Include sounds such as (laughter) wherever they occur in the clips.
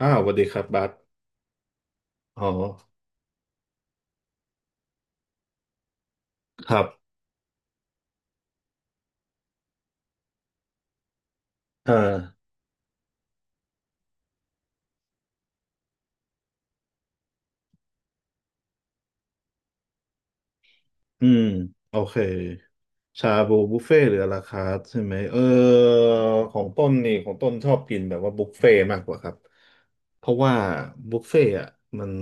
อ้าวสวัสดีครับบัสอ๋อครับอ่าอืมโอเคชาบูบุฟเฟ่ต์หรืออลาคาร์ทใช่ไหมเออของต้นนี่ของต้นชอบกินแบบว่าบุฟเฟ่ต์มากกว่าครับเพราะว่าบุฟเฟ่ต์อ่ะมัน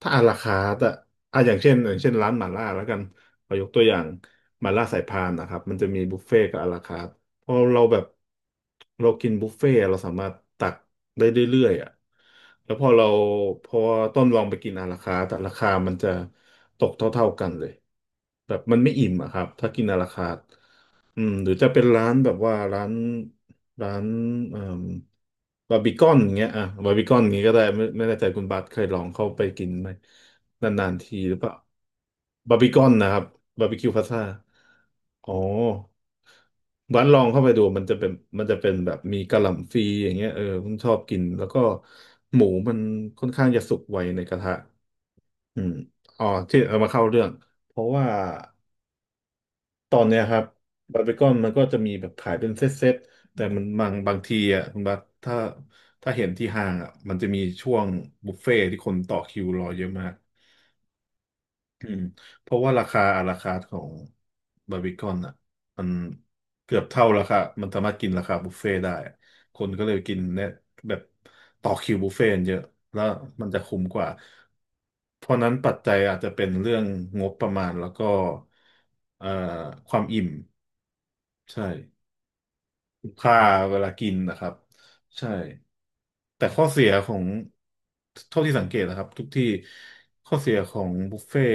ถ้าอลาคาร์ทอ่ะอ่ะอย่างเช่นร้านหม่าล่าแล้วกันขอยกตัวอย่างหม่าล่าสายพานนะครับมันจะมีบุฟเฟ่ต์กับอลาคาร์ท พอเราแบบเรากินบุฟเฟ่ต์เราสามารถตักได้เรื่อยๆอ่ะแล้วพอเราพอต้นลองไปกินอาราคาร์ทแต่ราคามันจะตกเท่าๆกันเลยแบบมันไม่อิ่มอะครับถ้ากินอาราคาร์ท อืมหรือจะเป็นร้านแบบว่าร้านร้านเอ่อบาร์บีคอนอย่างเงี้ยอ่ะบาร์บีคอนอย่างเงี้ยก็ได้ไม่แน่ใจคุณบัสเคยลองเข้าไปกินไหมนานๆทีหรือเปล่าบาร์บีคอนนะครับบาร์บีคิวพาซ่าอ๋อร้านลองเข้าไปดูมันจะเป็นมันจะเป็นแบบมีกะหล่ำฟรีอย่างเงี้ยเออผมชอบกินแล้วก็หมูมันค่อนข้างจะสุกไวในกระทะอืมอ๋อที่เอามาเข้าเรื่องเพราะว่า ตอนเนี้ยครับบาร์บีคอนมันก็จะมีแบบขายเป็นเซตเซตแต่มันบางทีอ่ะคุณบัสถ้าถ้าเห็นที่ห้างอ่ะมันจะมีช่วงบุฟเฟ่ต์ที่คนต่อคิวรอเยอะมากอืมเพราะว่าราคาอาราคาร์ทของบาร์บีคอนอ่ะมันเกือบเท่าราคามันสามารถกินราคาบุฟเฟ่ต์ได้อะคนก็เลยกินเนี่ยแบบต่อคิวบุฟเฟ่ต์กันเยอะแล้วมันจะคุ้มกว่าเพราะนั้นปัจจัยอาจจะเป็นเรื่องงบประมาณแล้วก็เอ่อความอิ่ม ใช่คุ้มค่าเวลากินนะครับใช่แต่ข้อเสียของเท่าที่สังเกตนะครับทุกที่ข้อเสียของบุฟเฟ่ต์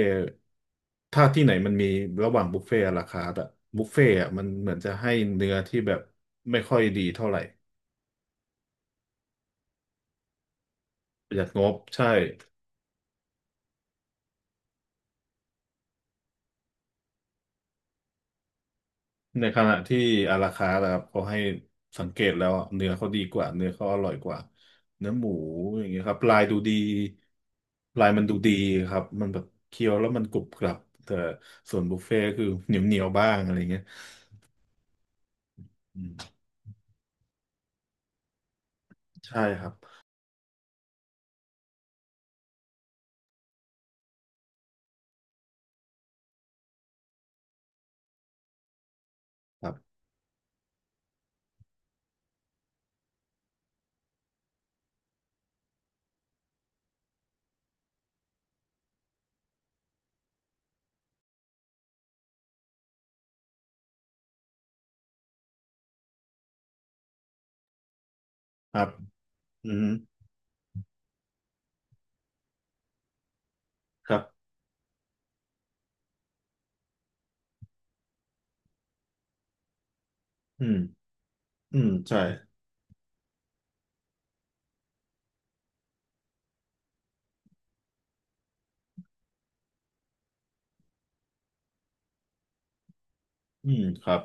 ถ้าที่ไหนมันมีระหว่างบุฟเฟ่ต์ราคาแต่บุฟเฟ่ต์อะมันเหมือนจะให้เนื้อที่แบบไม่ค่อยดีเท่าไหร่ประหยัดงบใช่ ในขณะที่อาราคานะครับเขาให้สังเกตแล้วอะเนื้อเขาดีกว่าเนื้อเขาอร่อยกว่าเนื้อหมูอย่างเงี้ยครับลายดูดีลายมันดูดีครับมันแบบเคี้ยวแล้วมันกรุบกรับแต่ส่วนบุฟเฟ่ต์คือเหนียวเหนียวบ้างอะไรเงี้ยอืมใช่ครับครับครับอืมครับอืมอืมใช่อืมครับ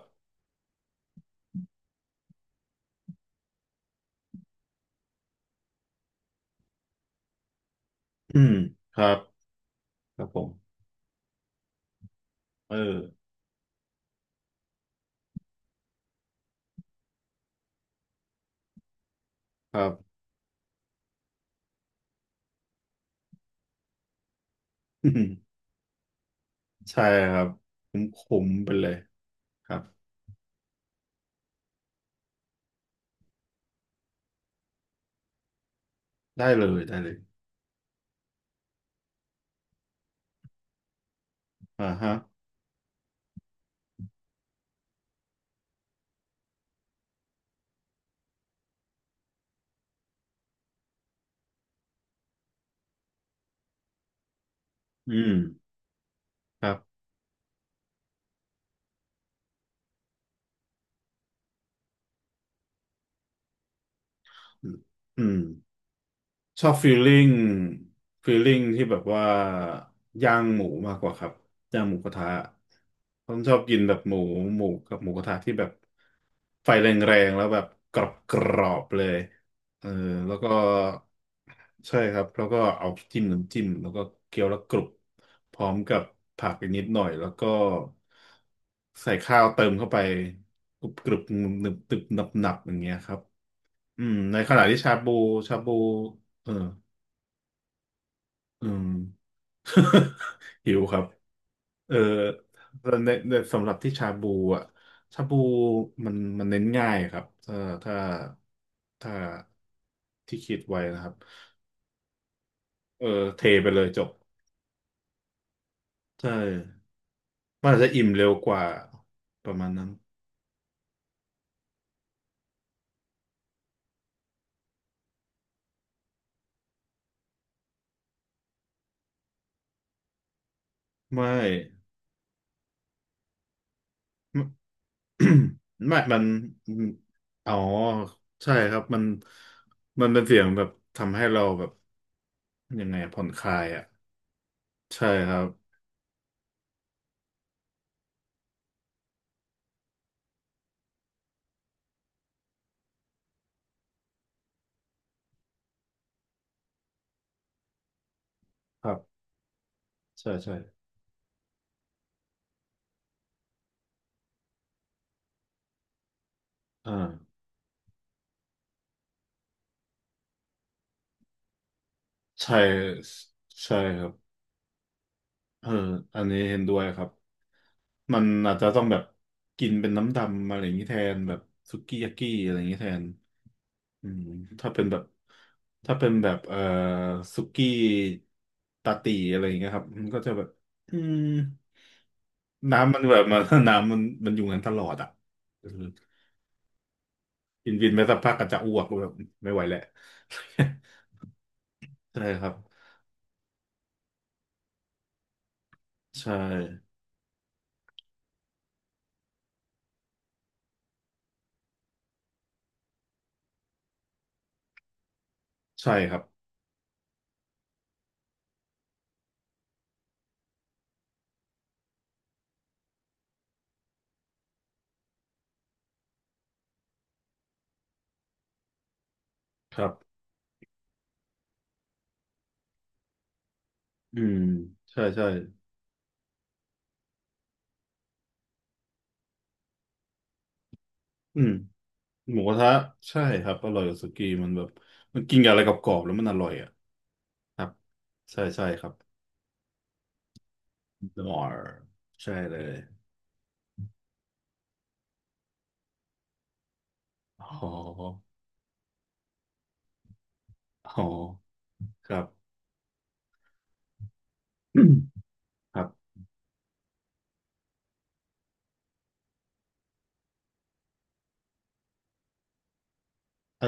อืมครับครับผมเออครับอืมใช่ครับผมขมๆไปเลยครับได้เลยได้เลยอ่าฮะ อืมครับอืมชอบฟีลลิ่งฟีลลิ่งที่แบบว่าย่างหมูมากกว่าครับย่างหมูกระทะผมชอบกินแบบหมูหมูกับหมูกระทะที่แบบไฟแรงๆแล้วแบบกรอบๆเลยเออแล้วก็ใช่ครับแล้วก็เอาจิ้มน้ำจิ้มแล้วก็เคี้ยวแล้วกรุบพร้อมกับผักอีกนิดหน่อยแล้วก็ใส่ข้าวเติมเข้าไปกรุบกรุบหนึบหนึบหนับหนับอย่างเงี้ยครับ อืมในขณะที่ชาบูชาบูเอออืม (laughs) หิวครับเออแต่ในในสำหรับที่ชาบูอ่ะชาบูมันเน้นง่ายครับถ้าถ้าถ้าที่คิดไว้นะครับเออเทไปเลยจบใช่มันอาจจะอิ่มเร็วกว่าประมาณนั้นไม่ (coughs) ไม่มันอมอ๋อใช่ครับ มันเป็นเสียงแบบทำให้เราแบบ ยังไงอะผ่อนคลายอ่ะใช่ครับ ครับ ใช่ใช่อ่าใช่ ใช่ครับเอออันนี้เห็นด้วยครับ มันอาจจะต้องแบบกินเป็นน้ำดำอะไรอย่างนี้แทนแบบสุกี้ยากี้อะไรอย่างนี้แทนอืม ถ้าเป็นแบบถ้าเป็นแบบสุกี้ตาตีอะไรอย่างเงี้ยครับมันก็จะแบบ อืม น้ำมันแบบมัน (laughs) น้ำมันมันอยู่งั้นตลอดอ่ะเออกินวินไปสักพักก็จะอ้วกแบบไม่ไหวแหละ (laughs) ใช่ครับใช่ใช่ครับครับอืมใช่ใช่อืมหมูกระทะใช่ครับอร่อยกว่าสุกี้มันแบบมันกินกับอะไรกรอบๆแล้วมันอร่อยอ่ะครับใช่ใช่ครับอ๋อใช่เลยอ๋ออ๋อครับ (coughs) (clears throat) ครับเออ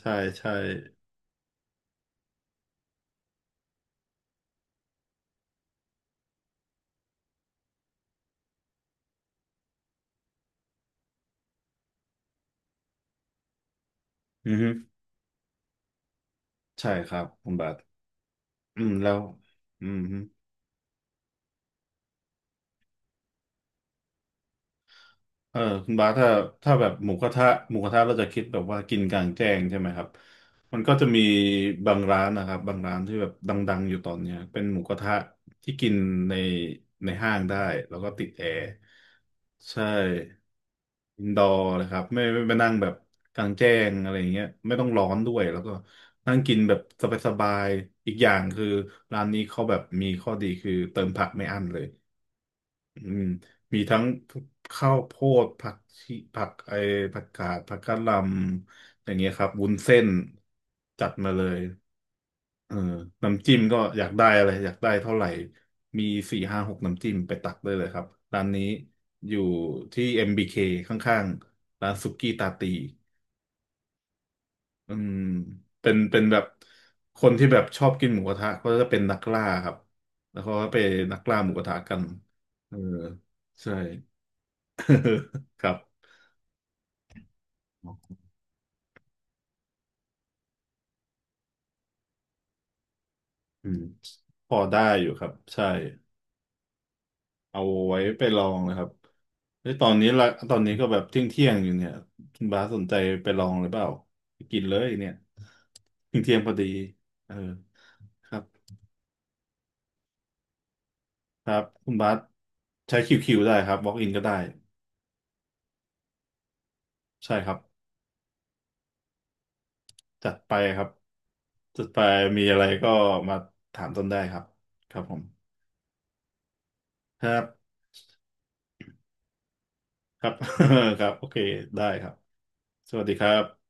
ใช่ใช่อือฮึใช่ครับคุณบาทอืมแล้วอืมฮึ เออคุณบาสถ้าถ้าแบบหมูกระทะหมูกระทะเราจะคิดแบบว่ากินกลางแจ้งใช่ไหมครับมันก็จะมีบางร้านนะครับบางร้านที่แบบดังๆอยู่ตอนเนี้ยเป็นหมูกระทะที่กินในในห้างได้แล้วก็ติดแอร์ใช่อินดอร์นะครับไม่ไปนั่งแบบกลางแจ้งอะไรอย่างเงี้ยไม่ต้องร้อนด้วยแล้วก็นั่งกินแบบสบายๆอีกอย่างคือร้านนี้เขาแบบมีข้อดีคือเติมผักไม่อั้นเลย อืมมีทั้งข้าวโพดผักชีผักไอผักกาดผักกะหล่ำอย่างเงี้ยครับวุ้นเส้นจัดมาเลยเออน้ำจิ้มก็อยากได้อะไรอยากได้เท่าไหร่มีสี่ห้าหกน้ำจิ้มไปตักได้เลยครับร้านนี้อยู่ที่ MBK ข้างๆร้านสุกี้ตาตีอืมเป็นเป็นแบบคนที่แบบชอบกินหมูกระทะก็จะเป็นนักล่าครับแล้วเขาก็ไปนักล่าหมูกระทะกันเออใช่ (laughs) ครับอืมพอได้อยู่ครับใช่เอาไว้ไปลองนะครับเฮ้ยตอนนี้ละตอนนี้ก็แบบเที่ยงเที่ยงอยู่เนี่ยคุณบาสสนใจไปลองหรือเปล่าไปกินเลยเนี่ยเที่ยงเที่ยงพอดีเออครับครับคุณบาสใช้คิวได้ครับ walk in ก็ได้ใช่ครับจัดไปครับจัดไปมีอะไรก็มาถามต้นได้ครับครับผมครับครับ (laughs) ครับโอเคได้ครับสวัสดีครับ